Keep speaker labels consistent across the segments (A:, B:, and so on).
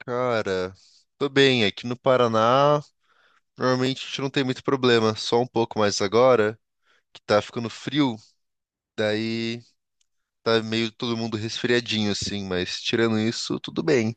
A: Cara, tô bem. Aqui no Paraná, normalmente a gente não tem muito problema, só um pouco mais agora, que tá ficando frio, daí tá meio todo mundo resfriadinho assim, mas tirando isso, tudo bem.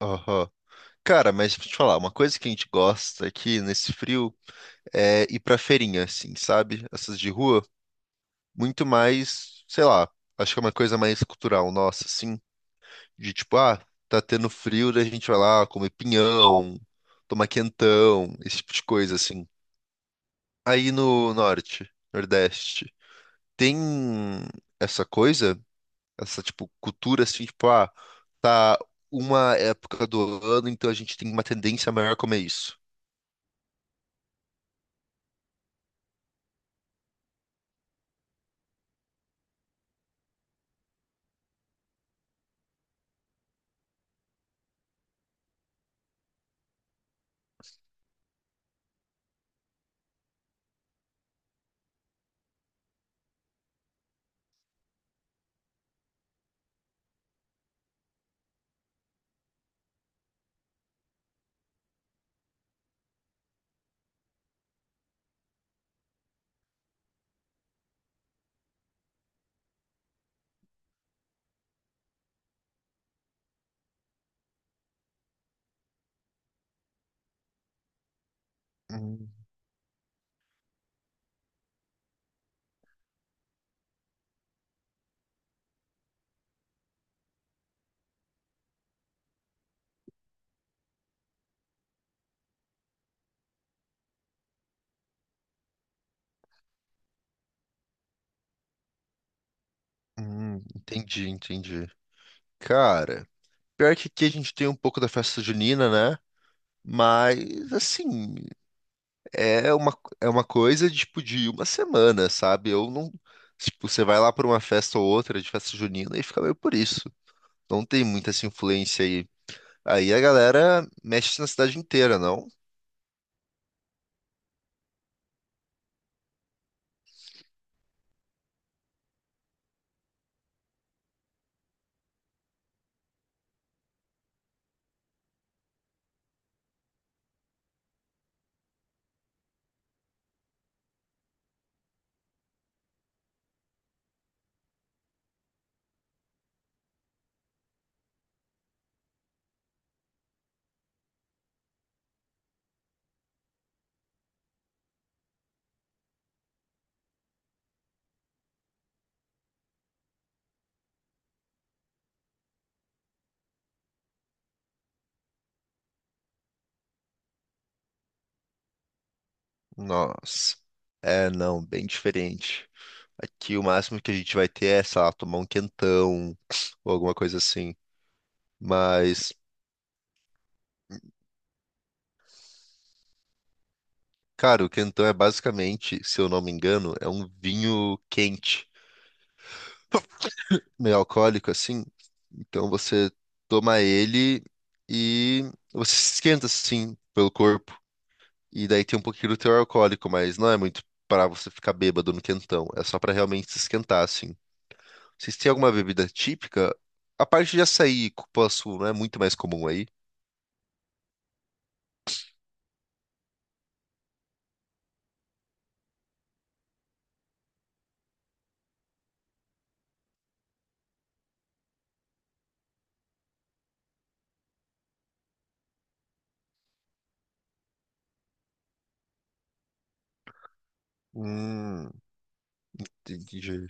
A: Aham. Cara, mas deixa eu te falar, uma coisa que a gente gosta aqui nesse frio é ir pra feirinha, assim, sabe? Essas de rua, muito mais, sei lá, acho que é uma coisa mais cultural nossa, assim. De tipo, ah, tá tendo frio, daí a gente vai lá comer pinhão, tomar quentão, esse tipo de coisa, assim. Aí no norte, nordeste, tem essa coisa, essa, tipo, cultura, assim, tipo, ah, tá uma época do ano, então a gente tem uma tendência maior a comer isso. Hum, entendi, entendi. Cara, pior que aqui a gente tem um pouco da festa junina, né? Mas, assim, é uma coisa tipo de uma semana, sabe? Eu não. Tipo, você vai lá para uma festa ou outra de festa junina e fica meio por isso. Não tem muita essa influência aí. Aí a galera mexe na cidade inteira, não? Nossa. É, não, bem diferente. Aqui o máximo que a gente vai ter é, sei lá, tomar um quentão ou alguma coisa assim. Mas, cara, o quentão é basicamente, se eu não me engano, é um vinho quente. Meio alcoólico assim. Então você toma ele e você se esquenta assim pelo corpo. E daí tem um pouquinho do teor alcoólico, mas não é muito para você ficar bêbado no quentão. É só para realmente se esquentar assim. Vocês têm alguma bebida típica? A parte de açaí e cupuaçu não é muito mais comum aí. Hum, entendi.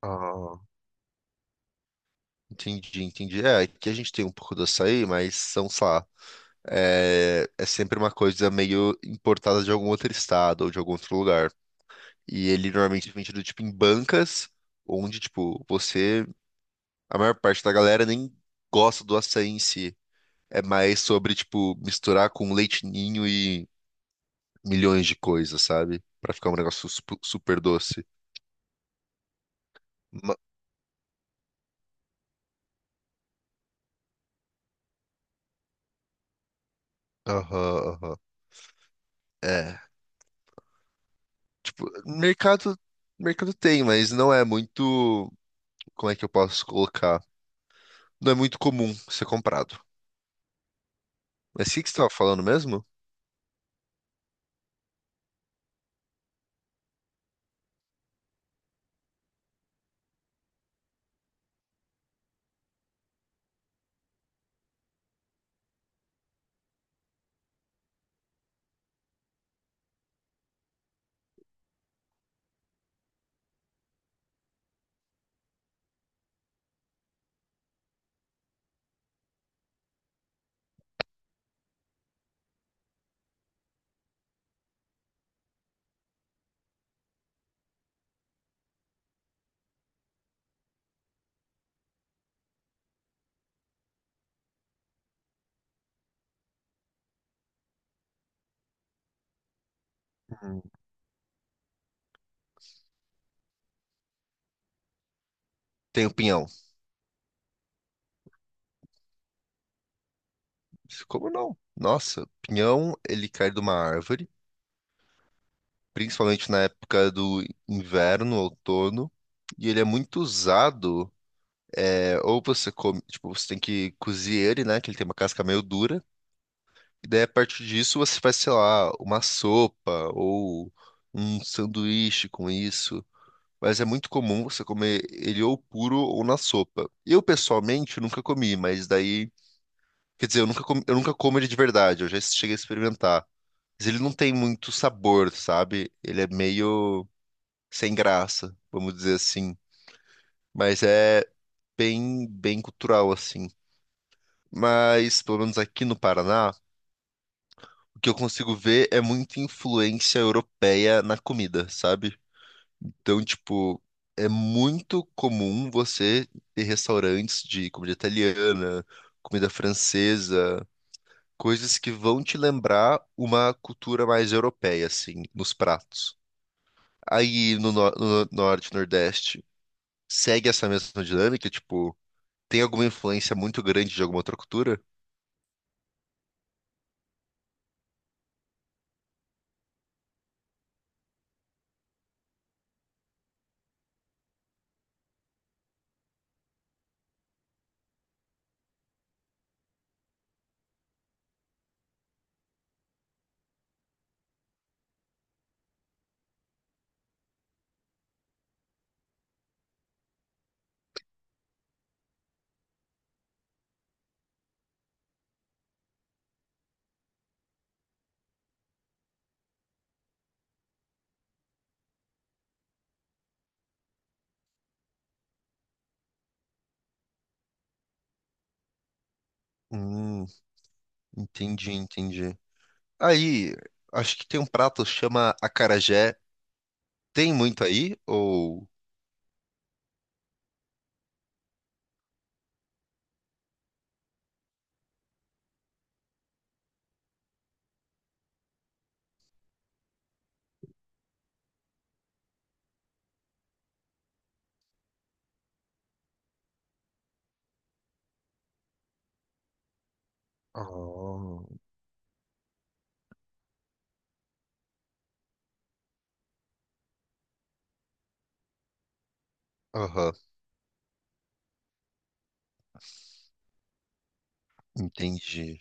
A: Ah, entendi, entendi. É, aqui a gente tem um pouco do açaí, mas são, sei lá, é sempre uma coisa meio importada de algum outro estado ou de algum outro lugar. E ele normalmente é vendido, tipo, em bancas, onde, tipo, você... A maior parte da galera nem gosta do açaí em si. É mais sobre, tipo, misturar com leite ninho e milhões de coisas, sabe? Pra ficar um negócio sup- super doce. Ma- aham, aham. É, tipo, mercado, mercado tem, mas não é muito... Como é que eu posso colocar? Não é muito comum ser comprado. Mas o que que você tava falando mesmo? Hum. Tem o pinhão. Como não? Nossa, pinhão, ele cai de uma árvore, principalmente na época do inverno, outono, e ele é muito usado, é, ou você come, tipo, você tem que cozer ele, né, que ele tem uma casca meio dura, e daí a partir disso você faz, sei lá, uma sopa ou um sanduíche com isso. Mas é muito comum você comer ele ou puro ou na sopa. Eu, pessoalmente, nunca comi, mas daí... Quer dizer, eu nunca, comi- eu nunca como ele de verdade, eu já cheguei a experimentar. Mas ele não tem muito sabor, sabe? Ele é meio sem graça, vamos dizer assim. Mas é bem, bem cultural, assim. Mas, pelo menos aqui no Paraná, o que eu consigo ver é muita influência europeia na comida, sabe? Então, tipo, é muito comum você ter restaurantes de comida italiana, comida francesa, coisas que vão te lembrar uma cultura mais europeia, assim, nos pratos. Aí no, no- no norte, nordeste, segue essa mesma dinâmica? Tipo, tem alguma influência muito grande de alguma outra cultura? Hum, entendi, entendi. Aí, acho que tem um prato que chama acarajé. Tem muito aí? Ou. Oh, aham, entendi.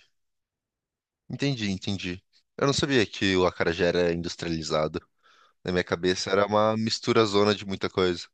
A: Entendi, entendi. Eu não sabia que o acarajé era industrializado. Na minha cabeça era uma mistura zona de muita coisa.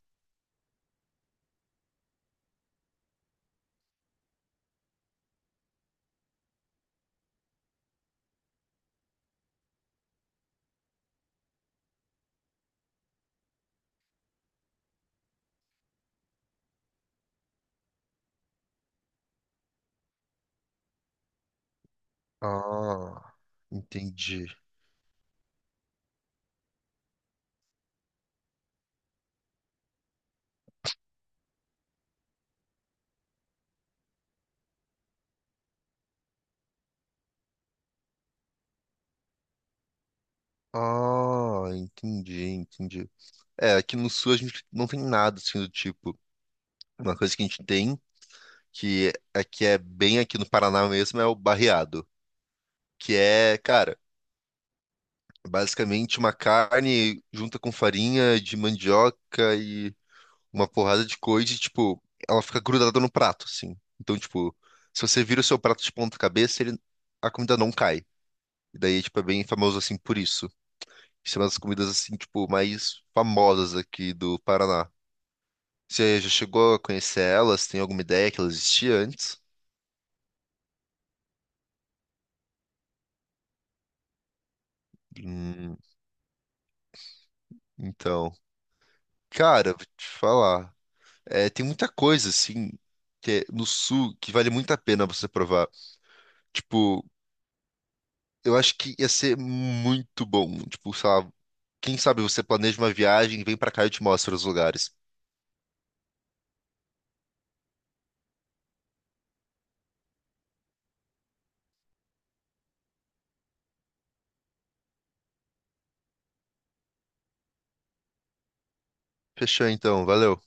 A: Ah, entendi. Ah, entendi, entendi. É, aqui no sul a gente não tem nada assim do tipo. Uma coisa que a gente tem, que aqui é bem aqui no Paraná mesmo, é o barreado. Que é, cara, basicamente uma carne junta com farinha de mandioca e uma porrada de coisa e, tipo, ela fica grudada no prato, assim. Então, tipo, se você vira o seu prato de ponta cabeça, ele, a comida não cai. E daí, tipo, é bem famoso assim por isso. Isso é uma das comidas, assim, tipo, mais famosas aqui do Paraná. Você já chegou a conhecer elas? Tem alguma ideia que elas existiam antes? Hum, então, cara, vou te falar. É, tem muita coisa, assim, que é no sul que vale muito a pena você provar. Tipo, eu acho que ia ser muito bom. Tipo, sei lá, quem sabe você planeja uma viagem, vem pra cá e eu te mostro os lugares. Fechou então, valeu.